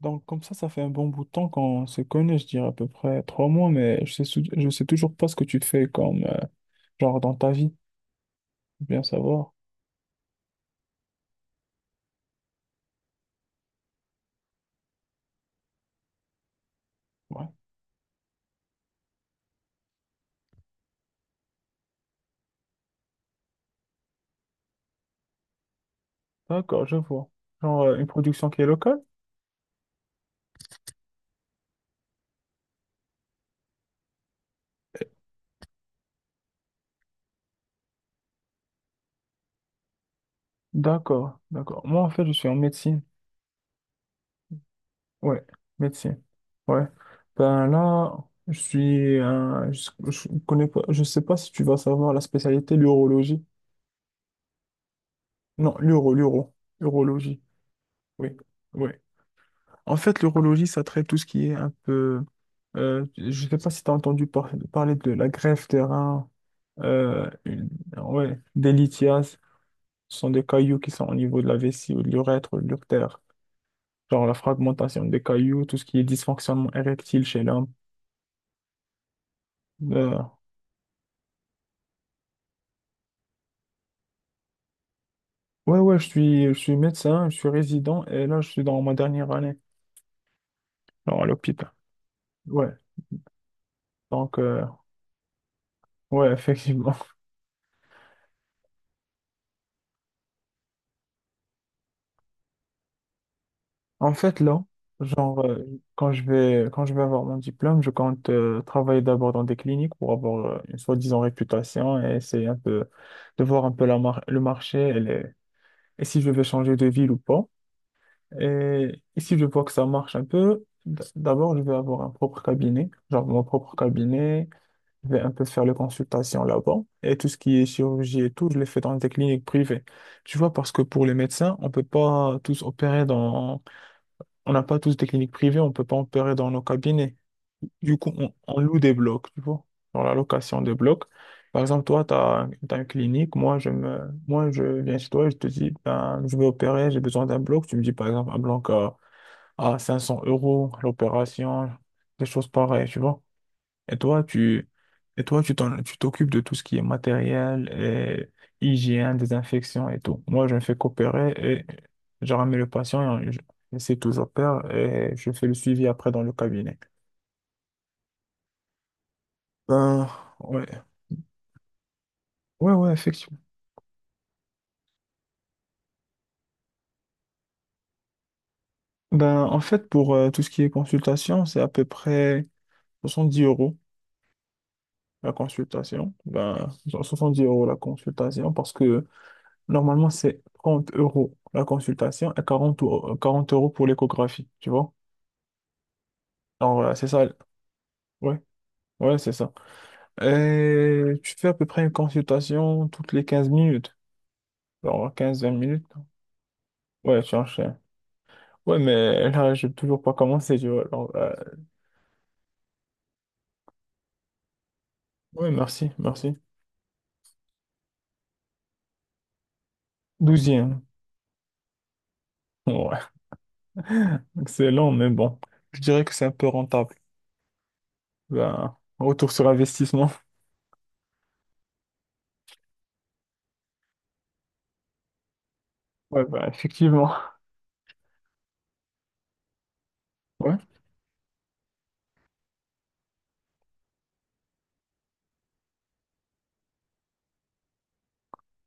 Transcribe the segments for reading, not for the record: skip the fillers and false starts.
Donc comme ça fait un bon bout de temps qu'on se connaît, je dirais à peu près 3 mois, mais je sais toujours pas ce que tu fais comme genre dans ta vie, bien savoir. Ouais. D'accord, je vois. Genre une production qui est locale? D'accord, d'accord. Moi en fait, je suis en médecine. Ouais, médecine. Ouais. Ben là, je connais pas, je sais pas si tu vas savoir la spécialité l'urologie. Non, l'uro, l'uro, urologie. Oui. oui. En fait, l'urologie, ça traite tout ce qui est un peu... je ne sais pas si tu as parler de la greffe des reins, euh, une- ouais, des lithiases. Ce sont des cailloux qui sont au niveau de la vessie ou de l'urètre ou de l'urtère. Genre la fragmentation des cailloux, tout ce qui est dysfonctionnement érectile chez l'homme. Euh, ouais, je suis médecin, je suis résident et là, je suis dans ma dernière année, genre à l'hôpital. Ouais, donc, ouais, effectivement. En fait, là, genre, euh, quand je vais avoir mon diplôme, je compte travailler d'abord dans des cliniques pour avoir une soi-disant réputation et essayer un peu de voir un peu le marché et si je vais changer de ville ou pas. Et si je vois que ça marche un peu, d'abord, je vais avoir un propre cabinet, genre mon propre cabinet. Je vais un peu faire les consultations là-bas. Et tout ce qui est chirurgie et tout, je le fais dans des cliniques privées. Tu vois, parce que pour les médecins, on peut pas tous opérer dans on n'a pas tous des cliniques privées, on peut pas opérer dans nos cabinets. Du coup, on loue des blocs, tu vois, dans la location des blocs. Par exemple, toi, tu as, une clinique, moi, je viens chez toi et je te dis, ben, je vais opérer, j'ai besoin d'un bloc. Tu me dis, par exemple, à 500 euros, l'opération, des choses pareilles, tu vois. Et toi, tu, et toi, tu t'occupes de tout ce qui est matériel, et hygiène, désinfection et tout. Moi, je ne fais qu'opérer et je ramène le patient et je- et c'est tout, j'opère et je fais le suivi après dans le cabinet. Ben, ouais, ouais, effectivement. Ben, en fait, pour tout ce qui est consultation, c'est à peu près 70 euros la consultation. Ben, genre 10 euros la consultation parce que normalement, c'est 30 euros la consultation et 40 euros pour l'échographie, tu vois? Alors voilà, c'est ça. Ouais, ouais, c'est ça. Tu fais à peu près une consultation toutes les 15 minutes. Alors 15 à 20 minutes. Ouais, tu enchaînes. Ouais, mais là, je n'ai toujours pas commencé, tu vois. Alors, ouais, merci, merci. 12e. Ouais, excellent, mais bon. Je dirais que c'est un peu rentable. Ben, retour sur investissement. Ouais, ben, effectivement. Ouais.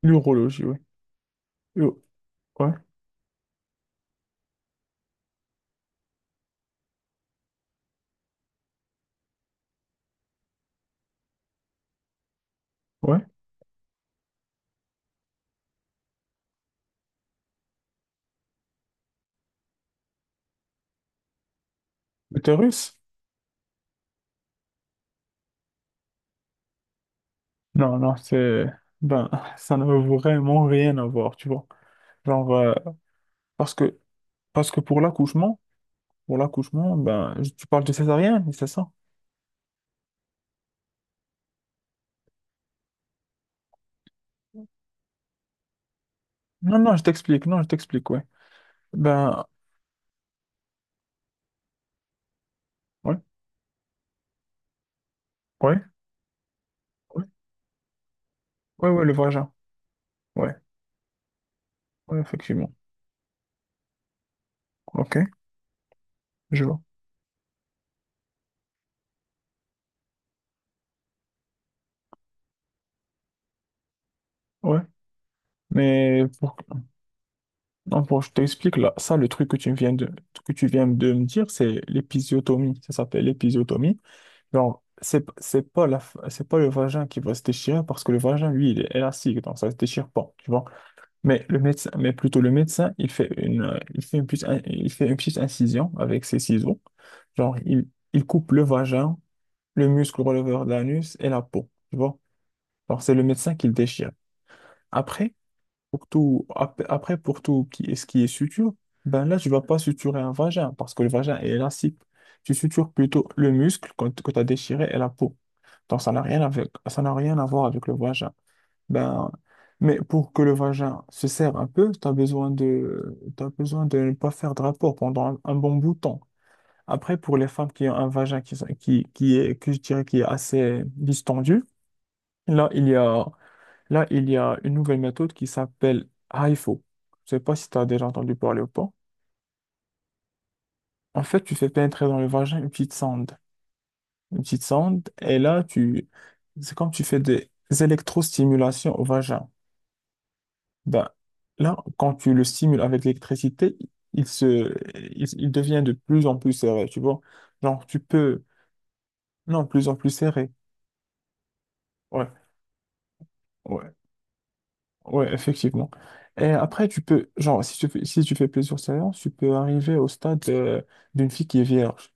L'urologie, oui. Uro- Ouais, ouais. L'utérus? Non, non, c'est... Ben, ça ne veut vraiment rien à voir, tu vois. Genre, euh, parce que Parce que pour l'accouchement, tu parles de césarienne, oui, c'est ça? Non, non, je t'explique, non, je t'explique, ouais. Ben, ouais, ouais, ouais, ouais, le vagin, ouais, ouais, effectivement. Ok, je vois, ouais. Mais pour, non, pour, je t'explique, là, ça, le truc que tu viens de, que tu viens de me dire, c'est l'épisiotomie, ça s'appelle l'épisiotomie. Genre, c'est, c'est pas la, c'est pas le vagin qui va se déchirer parce que le vagin, lui, il est élastique, donc ça se déchire pas, tu vois. Mais plutôt le médecin, il fait une petite, in- il fait une petite incision avec ses ciseaux. Genre, il, il coupe le vagin, le muscle releveur de l'anus et la peau. Tu vois? Alors, c'est le médecin qui le déchire. Après, après, ce qui est suture, ben là, tu vas pas suturer un vagin parce que le vagin est élastique. Tu sutures plutôt le muscle que tu as déchiré et la peau. Ça n'a rien à voir avec le vagin. Ben, mais pour que le vagin se serre un peu, tu as besoin de, t'as besoin de ne pas faire de rapport pendant un bon bout de temps. Après, pour les femmes qui ont un vagin qui, sont- qui est, que je dirais qui est assez distendu, là, il y a, là, il y a une nouvelle méthode qui s'appelle HIFO. Je sais pas si tu as déjà entendu parler ou pas. En fait, tu fais pénétrer dans le vagin une petite sonde. Une petite sonde, c'est comme tu fais des électrostimulations au vagin. Ben, là, quand tu le stimules avec l'électricité, il se, il devient de plus en plus serré, tu vois. Genre, tu peux, non, de plus en plus serré. Ouais, ouais, ouais, effectivement. Et après, tu peux, genre, si tu fais, si tu fais plusieurs séances, tu peux arriver au stade d'une fille qui est vierge.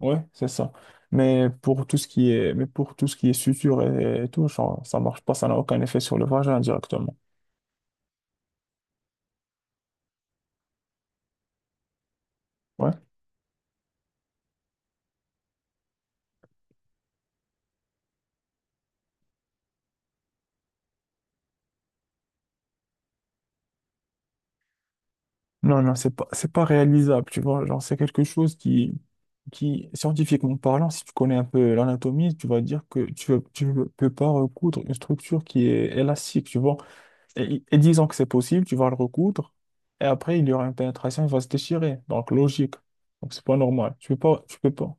Ouais, c'est ça. Mais pour tout ce qui est suture et tout, genre, ça marche pas, ça n'a aucun effet sur le vagin directement. Ouais. Non, non, c'est pas réalisable, tu vois. Genre, c'est quelque chose qui, scientifiquement parlant, si tu connais un peu l'anatomie, tu vas dire que tu ne peux pas recoudre une structure qui est élastique, tu vois. Et disons que c'est possible, tu vas le recoudre, et après, il y aura une pénétration, il va se déchirer. Donc, logique. Donc, c'est pas normal. Tu peux pas, tu peux pas.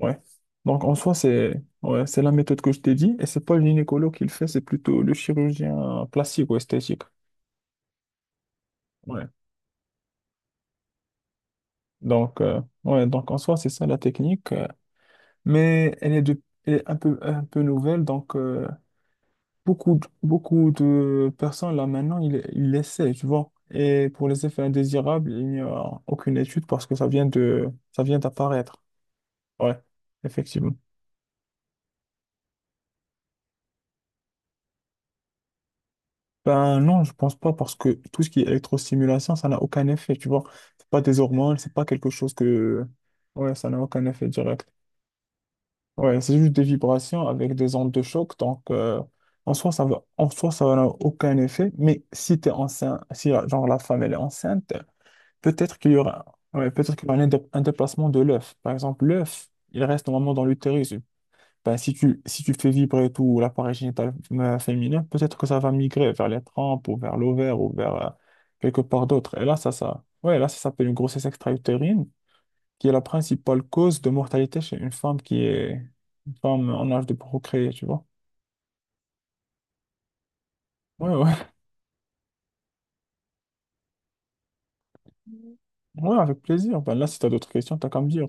Ouais. Donc, en soi, c'est, ouais, c'est la méthode que je t'ai dit, et c'est pas le gynécologue qui le fait, c'est plutôt le chirurgien plastique ou esthétique. Ouais. Donc, ouais, donc en soi, c'est ça la technique. Elle est un peu nouvelle, donc beaucoup de personnes là maintenant, ils l'essaient, tu vois. Et pour les effets indésirables, il n'y a aucune étude parce que ça vient d'apparaître. Ouais, effectivement. Ben non, je pense pas parce que tout ce qui est électrostimulation, ça n'a aucun effet, tu vois. C'est pas des hormones, c'est pas quelque chose que... Ouais, ça n'a aucun effet direct. Ouais, c'est juste des vibrations avec des ondes de choc. Donc, en soi, ça va, en soi, ça n'a aucun effet. Mais si t'es enceinte, si la- genre la femme elle est enceinte, peut-être qu'il y aura, ouais, peut-être qu'il y aura un déplacement de l'œuf. Par exemple, l'œuf, il reste normalement dans l'utérus. Ben, si tu fais vibrer tout l'appareil génital féminin, peut-être que ça va migrer vers les trompes ou vers l'ovaire ou vers quelque part d'autre. Et là, ça s'appelle une grossesse extra-utérine qui est la principale cause de mortalité chez une femme en âge de procréer, tu vois. Ouais, ouais, avec plaisir. Ben là, si tu as d'autres questions, t'as qu'à me dire.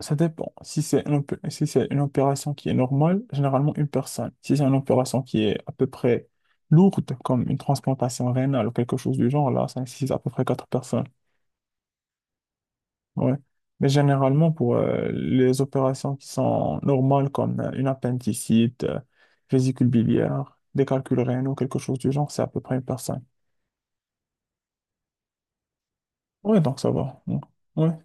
Ça dépend. Si c'est si c'est une opération qui est normale, généralement une personne. Si c'est une opération qui est à peu près lourde, comme une transplantation rénale ou quelque chose du genre, là, ça nécessite à peu près 4 personnes. Ouais. Mais généralement, pour les opérations qui sont normales, comme une appendicite, vésicule biliaire, des calculs rénaux, quelque chose du genre, c'est à peu près une personne. Ouais, donc ça va. Ouais. Ouais,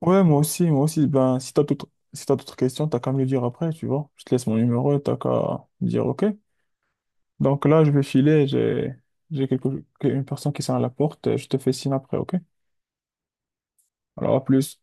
ouais, moi aussi, moi aussi. Ben, si t'as d'autres questions, t'as qu'à me le dire après, tu vois. Je te laisse mon numéro, t'as qu'à me dire OK. Donc là, je vais filer, j'ai quelque, une personne qui sonne à la porte, je te fais signe après, OK? Alors, à plus.